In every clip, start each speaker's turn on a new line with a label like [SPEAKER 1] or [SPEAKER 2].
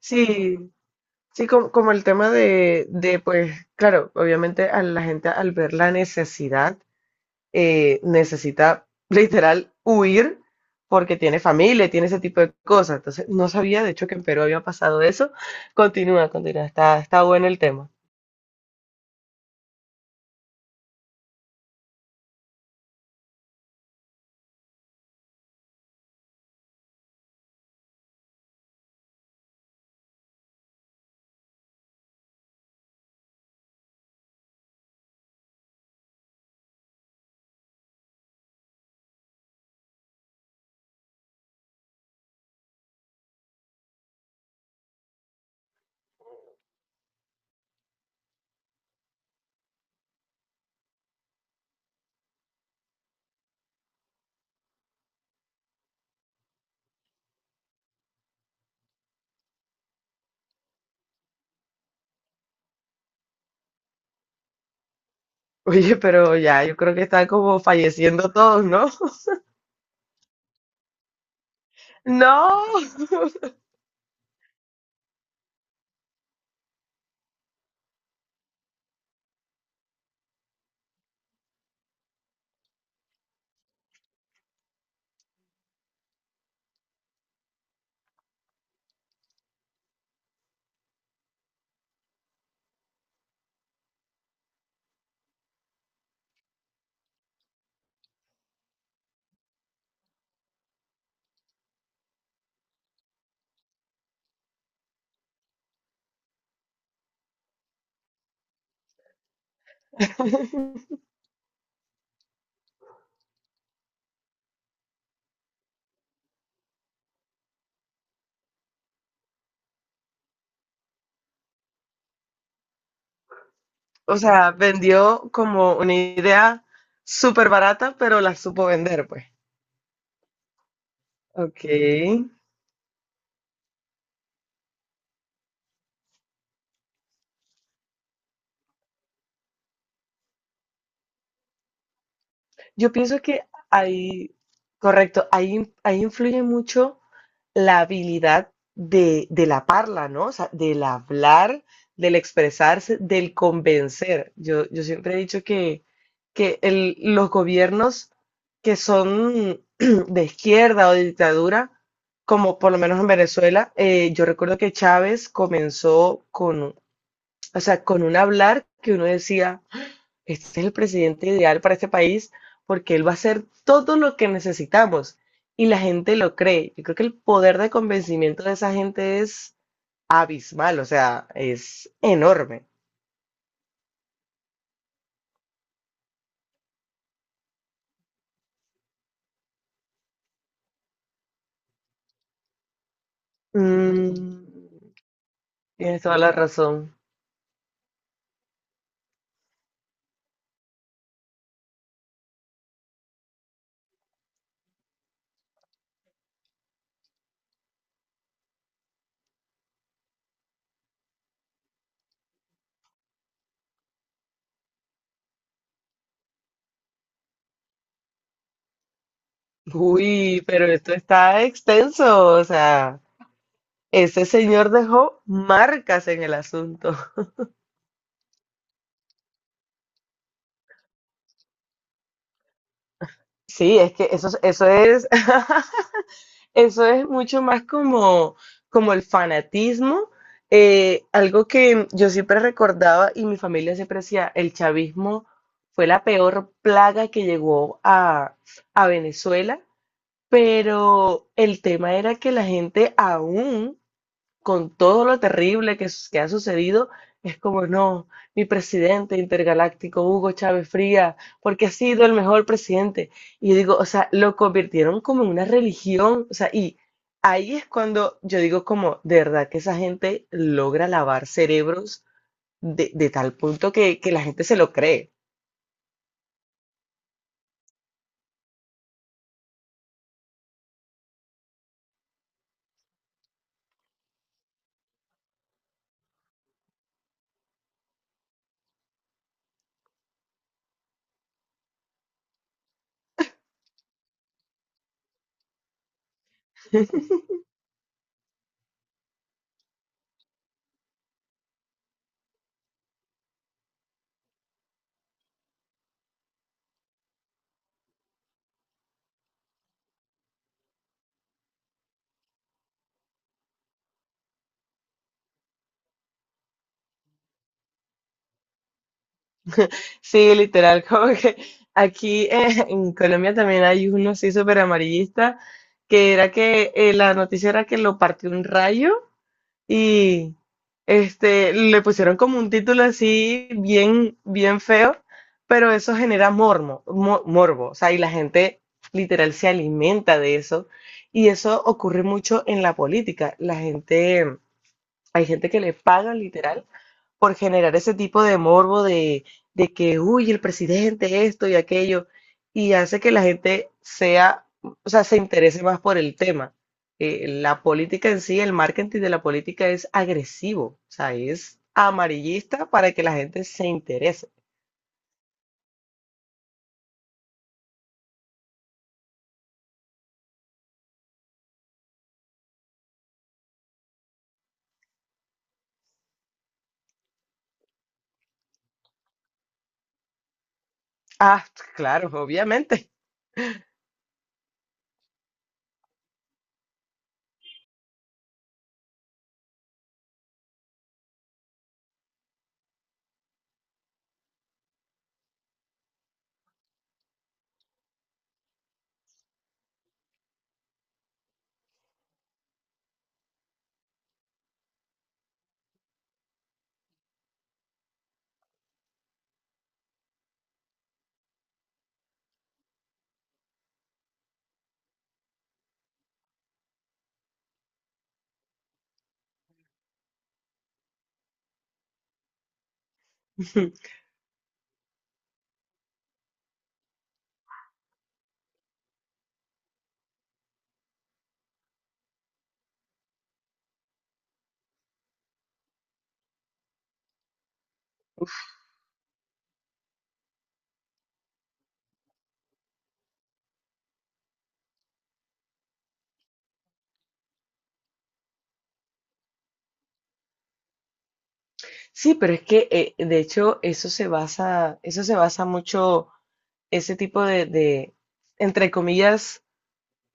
[SPEAKER 1] Sí, sí, como el tema pues, claro, obviamente a la gente al ver la necesidad, necesita literal huir porque tiene familia, tiene ese tipo de cosas. Entonces, no sabía, de hecho, que en Perú había pasado eso. Continúa, continúa, está bueno el tema. Oye, pero ya, yo creo que están como falleciendo todos, ¿no? No, o sea, vendió como una idea súper barata, pero la supo vender, pues. Ok. Yo pienso que ahí, correcto, ahí influye mucho la habilidad de la parla, ¿no? O sea, del hablar, del expresarse, del convencer. Yo siempre he dicho que los gobiernos que son de izquierda o de dictadura, como por lo menos en Venezuela, yo recuerdo que Chávez comenzó con, o sea, con un hablar que uno decía este es el presidente ideal para este país porque él va a hacer todo lo que necesitamos y la gente lo cree. Yo creo que el poder de convencimiento de esa gente es abismal, o sea, es enorme. Mm, tienes toda la razón. Uy, pero esto está extenso, o sea, ese señor dejó marcas en el asunto. Sí, es que eso es eso es mucho más como el fanatismo. Algo que yo siempre recordaba y mi familia siempre decía, el chavismo fue la peor plaga que llegó a Venezuela, pero el tema era que la gente aún, con todo lo terrible que, que ha sucedido, es como, no, mi presidente intergaláctico, Hugo Chávez Frías, porque ha sido el mejor presidente. Y yo digo, o sea, lo convirtieron como en una religión, o sea, y es cuando yo digo como, de verdad que esa gente logra lavar cerebros de tal punto que la gente se lo cree. Sí, literal, como que aquí en Colombia también hay uno así súper amarillista, que era que la noticia era que lo partió un rayo y este, le pusieron como un título así bien, bien feo, pero eso genera morbo, o sea, y la gente literal se alimenta de eso, y eso ocurre mucho en la política, la gente hay gente que le pagan literal por generar ese tipo de morbo de que, uy, el presidente, esto y aquello, y hace que la gente sea, o sea, se interese más por el tema. La política en sí, el marketing de la política es agresivo, o sea, es amarillista para que la gente se interese. Ah, claro, obviamente. Sí, pero es que de hecho eso se basa mucho, ese tipo entre comillas,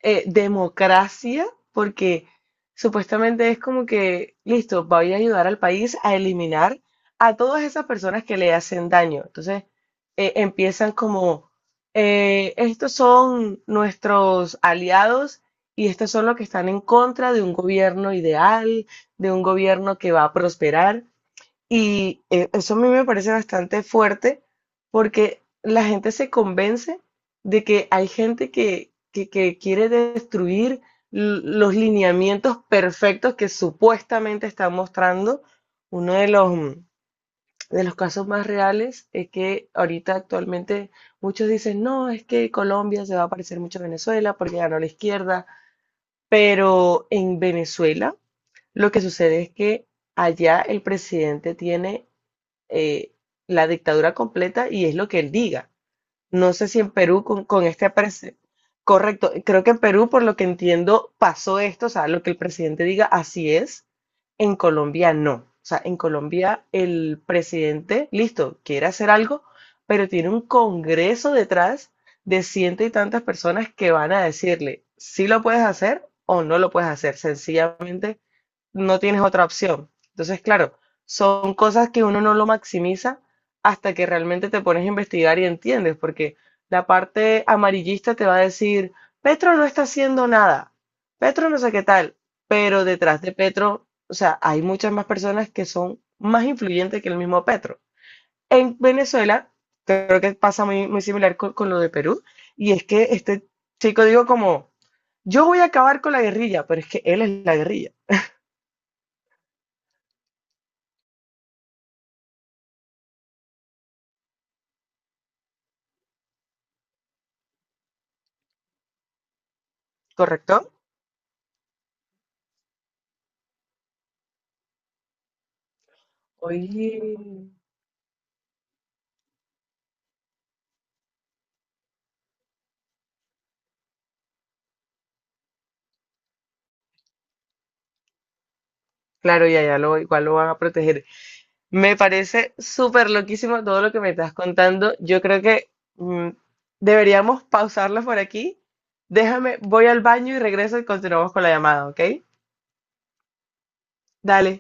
[SPEAKER 1] democracia, porque supuestamente es como que, listo, voy a ayudar al país a eliminar a todas esas personas que le hacen daño. Entonces, empiezan como, estos son nuestros aliados y estos son los que están en contra de un gobierno ideal, de un gobierno que va a prosperar. Y eso a mí me parece bastante fuerte porque la gente se convence de que hay gente que quiere destruir los lineamientos perfectos que supuestamente están mostrando. Uno de los casos más reales es que ahorita actualmente muchos dicen, no, es que Colombia se va a parecer mucho a Venezuela porque ganó la izquierda, pero en Venezuela lo que sucede es que allá el presidente tiene eh, la dictadura completa y es lo que él diga. No sé si en Perú con este Correcto, creo que en Perú, por lo que entiendo, pasó esto, o sea, lo que el presidente diga, así es. En Colombia no. O sea, en Colombia el presidente, listo, quiere hacer algo, pero tiene un congreso detrás de ciento y tantas personas que van a decirle si lo puedes hacer o no lo puedes hacer. Sencillamente no tienes otra opción. Entonces, claro, son cosas que uno no lo maximiza hasta que realmente te pones a investigar y entiendes, porque la parte amarillista te va a decir, Petro no está haciendo nada, Petro no sé qué tal, pero detrás de Petro, o sea, hay muchas más personas que son más influyentes que el mismo Petro. En Venezuela, creo que pasa muy, muy similar con lo de Perú, y es que este chico digo como, yo voy a acabar con la guerrilla, pero es que él es la guerrilla, ¿correcto? Oye, claro, ya, ya igual lo van a proteger. Me parece súper loquísimo todo lo que me estás contando. Yo creo que mm, deberíamos pausarlo por aquí. Déjame, voy al baño y regreso y continuamos con la llamada, ¿ok? Dale.